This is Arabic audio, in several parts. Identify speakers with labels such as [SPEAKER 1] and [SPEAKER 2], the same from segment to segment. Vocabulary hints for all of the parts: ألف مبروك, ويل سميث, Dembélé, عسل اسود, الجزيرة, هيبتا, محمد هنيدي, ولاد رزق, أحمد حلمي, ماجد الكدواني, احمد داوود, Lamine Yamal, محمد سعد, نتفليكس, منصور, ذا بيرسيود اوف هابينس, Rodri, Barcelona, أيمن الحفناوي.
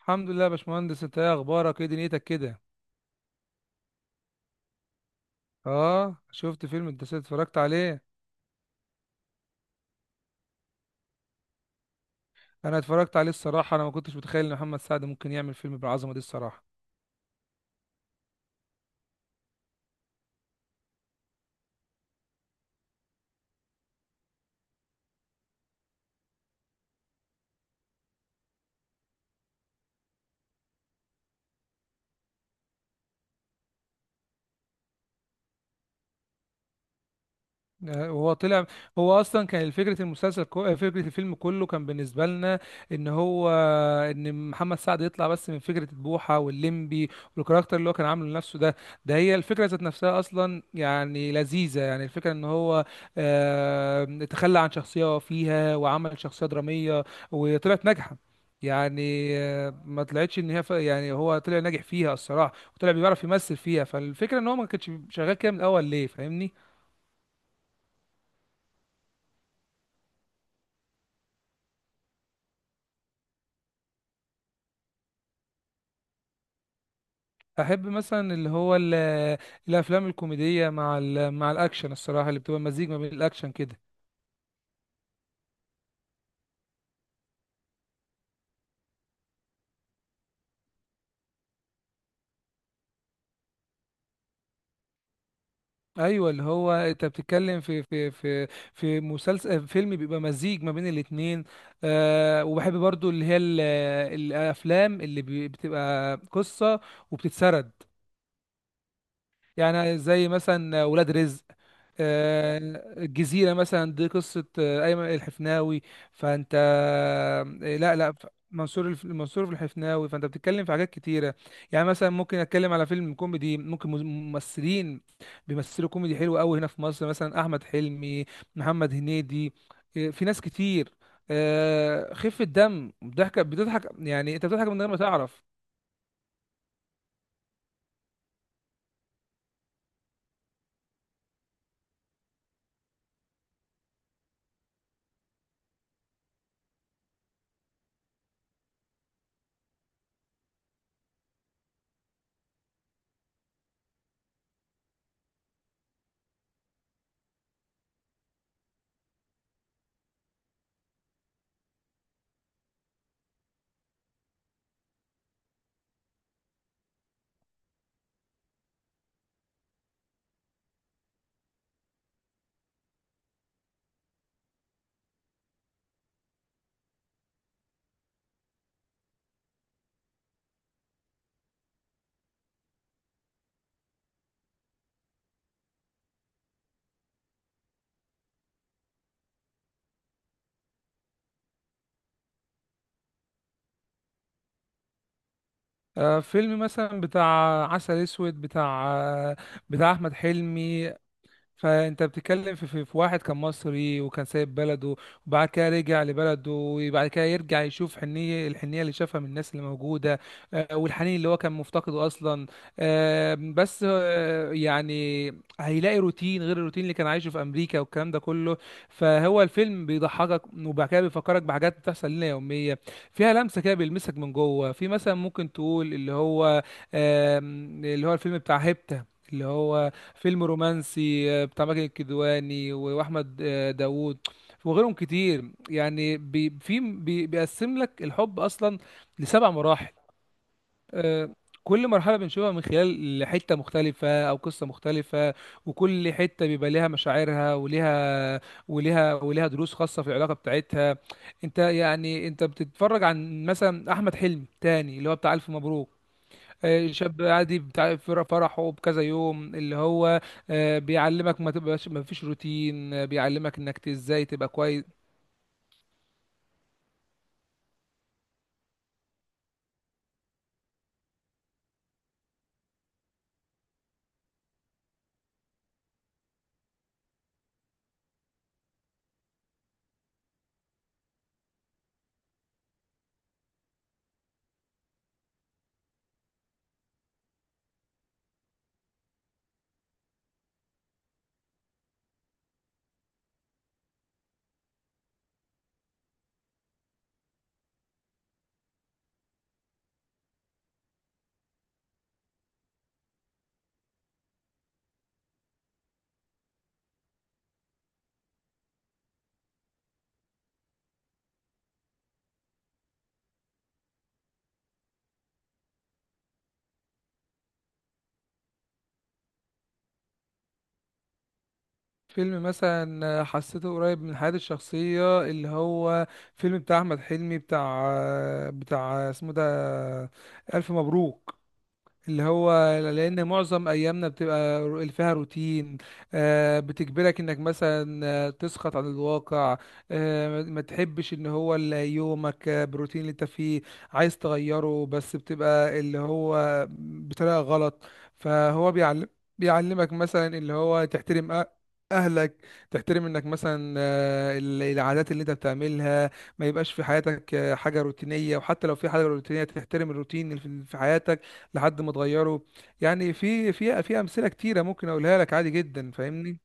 [SPEAKER 1] الحمد لله يا باشمهندس، انت ايه اخبارك؟ ايه دنيتك كده؟ اه، شفت فيلم؟ انت اتفرجت عليه؟ انا اتفرجت عليه الصراحه. انا ما كنتش متخيل ان محمد سعد ممكن يعمل فيلم بالعظمه دي الصراحه. هو طلع. هو اصلا كان فكره المسلسل كو... آه، فكره الفيلم كله كان بالنسبه لنا ان هو ان محمد سعد يطلع بس من فكره بوحه واللمبي، والكاركتر اللي هو كان عامله لنفسه ده. ده هي الفكره ذات نفسها اصلا، يعني لذيذه، يعني الفكره ان هو تخلى عن شخصيه هو فيها وعمل شخصيه دراميه وطلعت ناجحه. يعني ما طلعتش ان هي يعني هو طلع ناجح فيها الصراحه، وطلع بيعرف يمثل فيها. فالفكره ان هو ما كانش شغال كده من الاول ليه، فاهمني؟ احب مثلا اللي هو الافلام الكوميديه مع الاكشن الصراحه، اللي بتبقى مزيج ما بين الاكشن كده. ايوه، اللي هو انت بتتكلم في فيلم بيبقى مزيج ما بين الاتنين. وبحب برضو اللي هي الافلام اللي بتبقى قصه وبتتسرد. يعني زي مثلا ولاد رزق. آه، الجزيرة مثلا دي قصة أيمن الحفناوي. فأنت آه، لا، لا. منصور في الحفناوي. فأنت بتتكلم في حاجات كتيرة. يعني مثلا ممكن أتكلم على فيلم كوميدي، ممكن ممثلين بيمثلوا كوميدي حلو قوي، هنا في مصر مثلا أحمد حلمي، محمد هنيدي. في ناس كتير. خفة دم، ضحكة بتضحك، يعني أنت بتضحك من غير ما تعرف. فيلم مثلا بتاع عسل اسود، بتاع بتاع احمد حلمي. فانت بتتكلم في واحد كان مصري وكان سايب بلده. وبعد كده رجع لبلده، وبعد كده يرجع يشوف الحنيه اللي شافها من الناس اللي موجوده. والحنين اللي هو كان مفتقده اصلا. بس يعني هيلاقي روتين غير الروتين اللي كان عايشه في امريكا والكلام ده كله. فهو الفيلم بيضحكك وبعد كده بيفكرك بحاجات بتحصل لنا يوميه، فيها لمسه كده بيلمسك من جوه. في مثلا ممكن تقول اللي هو اللي هو الفيلم بتاع هيبتا، اللي هو فيلم رومانسي، بتاع ماجد الكدواني واحمد داوود وغيرهم كتير. يعني بي في بي بيقسم لك الحب اصلا لسبع مراحل. آه، كل مرحله بنشوفها من خلال حته مختلفه او قصه مختلفه، وكل حته بيبقى ليها مشاعرها وليها دروس خاصه في العلاقه بتاعتها. يعني انت بتتفرج عن مثلا احمد حلمي تاني، اللي هو بتاع الف مبروك. شاب عادي بتاع فرحه بكذا يوم، اللي هو بيعلمك ما تبقاش ما فيش روتين. بيعلمك انك ازاي تبقى كويس. فيلم مثلا حسيته قريب من حياتي الشخصية، اللي هو فيلم بتاع أحمد حلمي، بتاع بتاع اسمه ده ألف مبروك. اللي هو، لان معظم ايامنا بتبقى فيها روتين، بتجبرك انك مثلا تسقط عن الواقع. ما تحبش ان هو يومك بالروتين اللي انت فيه، عايز تغيره بس بتبقى اللي هو بطريقة غلط. فهو بيعلمك مثلا اللي هو تحترم اهلك. تحترم انك مثلا العادات اللي انت بتعملها، ما يبقاش في حياتك حاجة روتينية، وحتى لو في حاجة روتينية تحترم الروتين اللي في حياتك لحد ما اتغيروا. يعني في امثله كتيره ممكن اقولها لك عادي جدا، فاهمني؟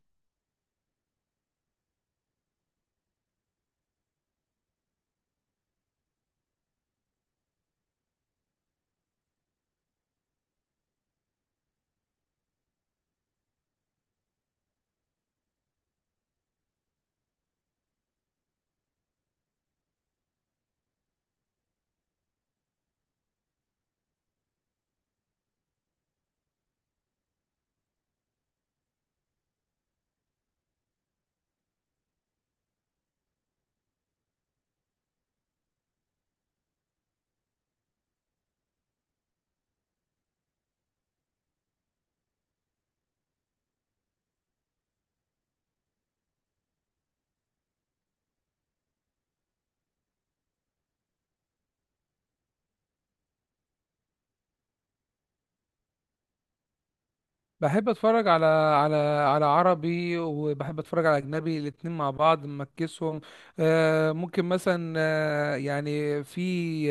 [SPEAKER 1] بحب اتفرج على عربي وبحب اتفرج على اجنبي، الاتنين مع بعض مكسهم. ممكن مثلا يعني في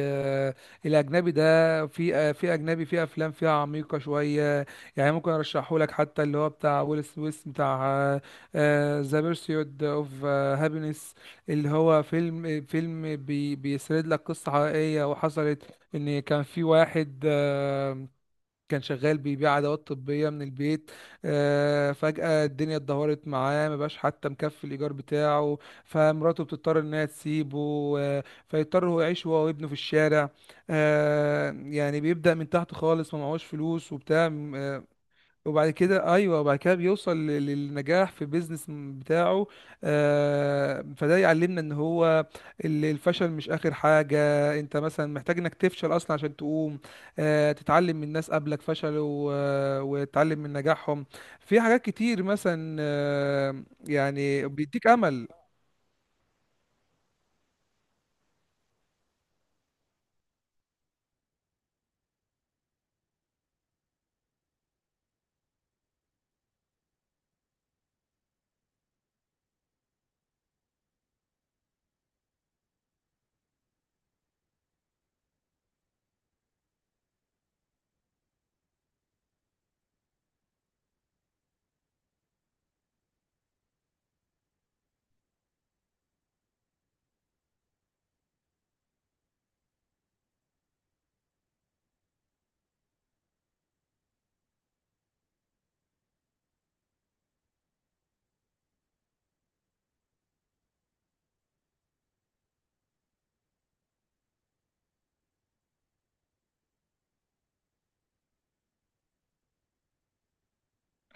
[SPEAKER 1] آه، الاجنبي ده في في اجنبي، في افلام فيها عميقة شوية. يعني ممكن ارشحه لك، حتى اللي هو بتاع ويل سميث، بتاع ذا بيرسيود اوف هابينس. اللي هو فيلم بيسرد لك قصة حقيقية وحصلت. ان كان في واحد كان شغال بيبيع ادوات طبيه من البيت. فجاه الدنيا اتدهورت معاه، ما بقاش حتى مكفي الايجار بتاعه، فمراته بتضطر انها تسيبه. فيضطر هو يعيش هو وابنه في الشارع. يعني بيبدا من تحت خالص، ما معهوش فلوس وبتاع. آه، وبعد كده ايوه، وبعد كده بيوصل للنجاح في بيزنس بتاعه. فده يعلمنا ان هو الفشل مش اخر حاجه. انت مثلا محتاج انك تفشل اصلا عشان تقوم، تتعلم من ناس قبلك فشلوا، وتتعلم من نجاحهم. في حاجات كتير مثلا، يعني بيديك امل.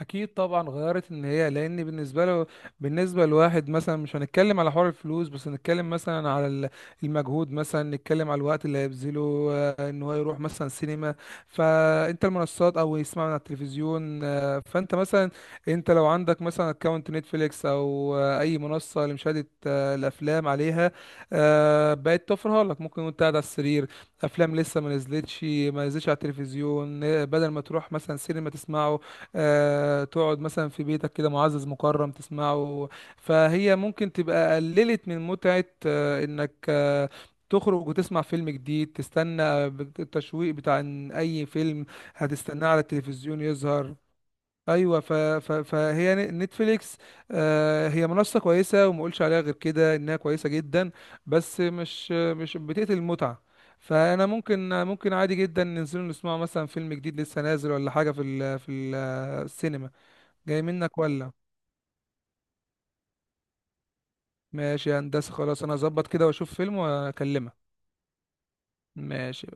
[SPEAKER 1] اكيد طبعا غيرت ان هي. لان بالنسبه لواحد مثلا، مش هنتكلم على حوار الفلوس، بس هنتكلم مثلا على المجهود، مثلا نتكلم على الوقت اللي هيبذله ان هو يروح مثلا سينما. فانت المنصات، او يسمع من على التلفزيون. فانت مثلا انت لو عندك مثلا اكونت نتفليكس او اي منصه لمشاهده الافلام عليها، بقت توفرها لك ممكن وانت قاعد على السرير. افلام لسه ما نزلتش على التلفزيون. بدل ما تروح مثلا سينما تسمعه، تقعد مثلا في بيتك كده معزز مكرم تسمعه. فهي ممكن تبقى قللت من متعة انك تخرج وتسمع فيلم جديد، تستنى التشويق بتاع إن اي فيلم هتستناه على التلفزيون يظهر. ايوه. فهي نتفليكس، هي منصه كويسه، وما اقولش عليها غير كده انها كويسه جدا. بس مش بتقتل المتعه. فانا ممكن عادي جدا ننزل نسمع مثلا فيلم جديد لسه نازل ولا حاجه في السينما. جاي منك ولا؟ ماشي يا هندسه، خلاص، انا هظبط كده واشوف فيلم واكلمك. ماشي.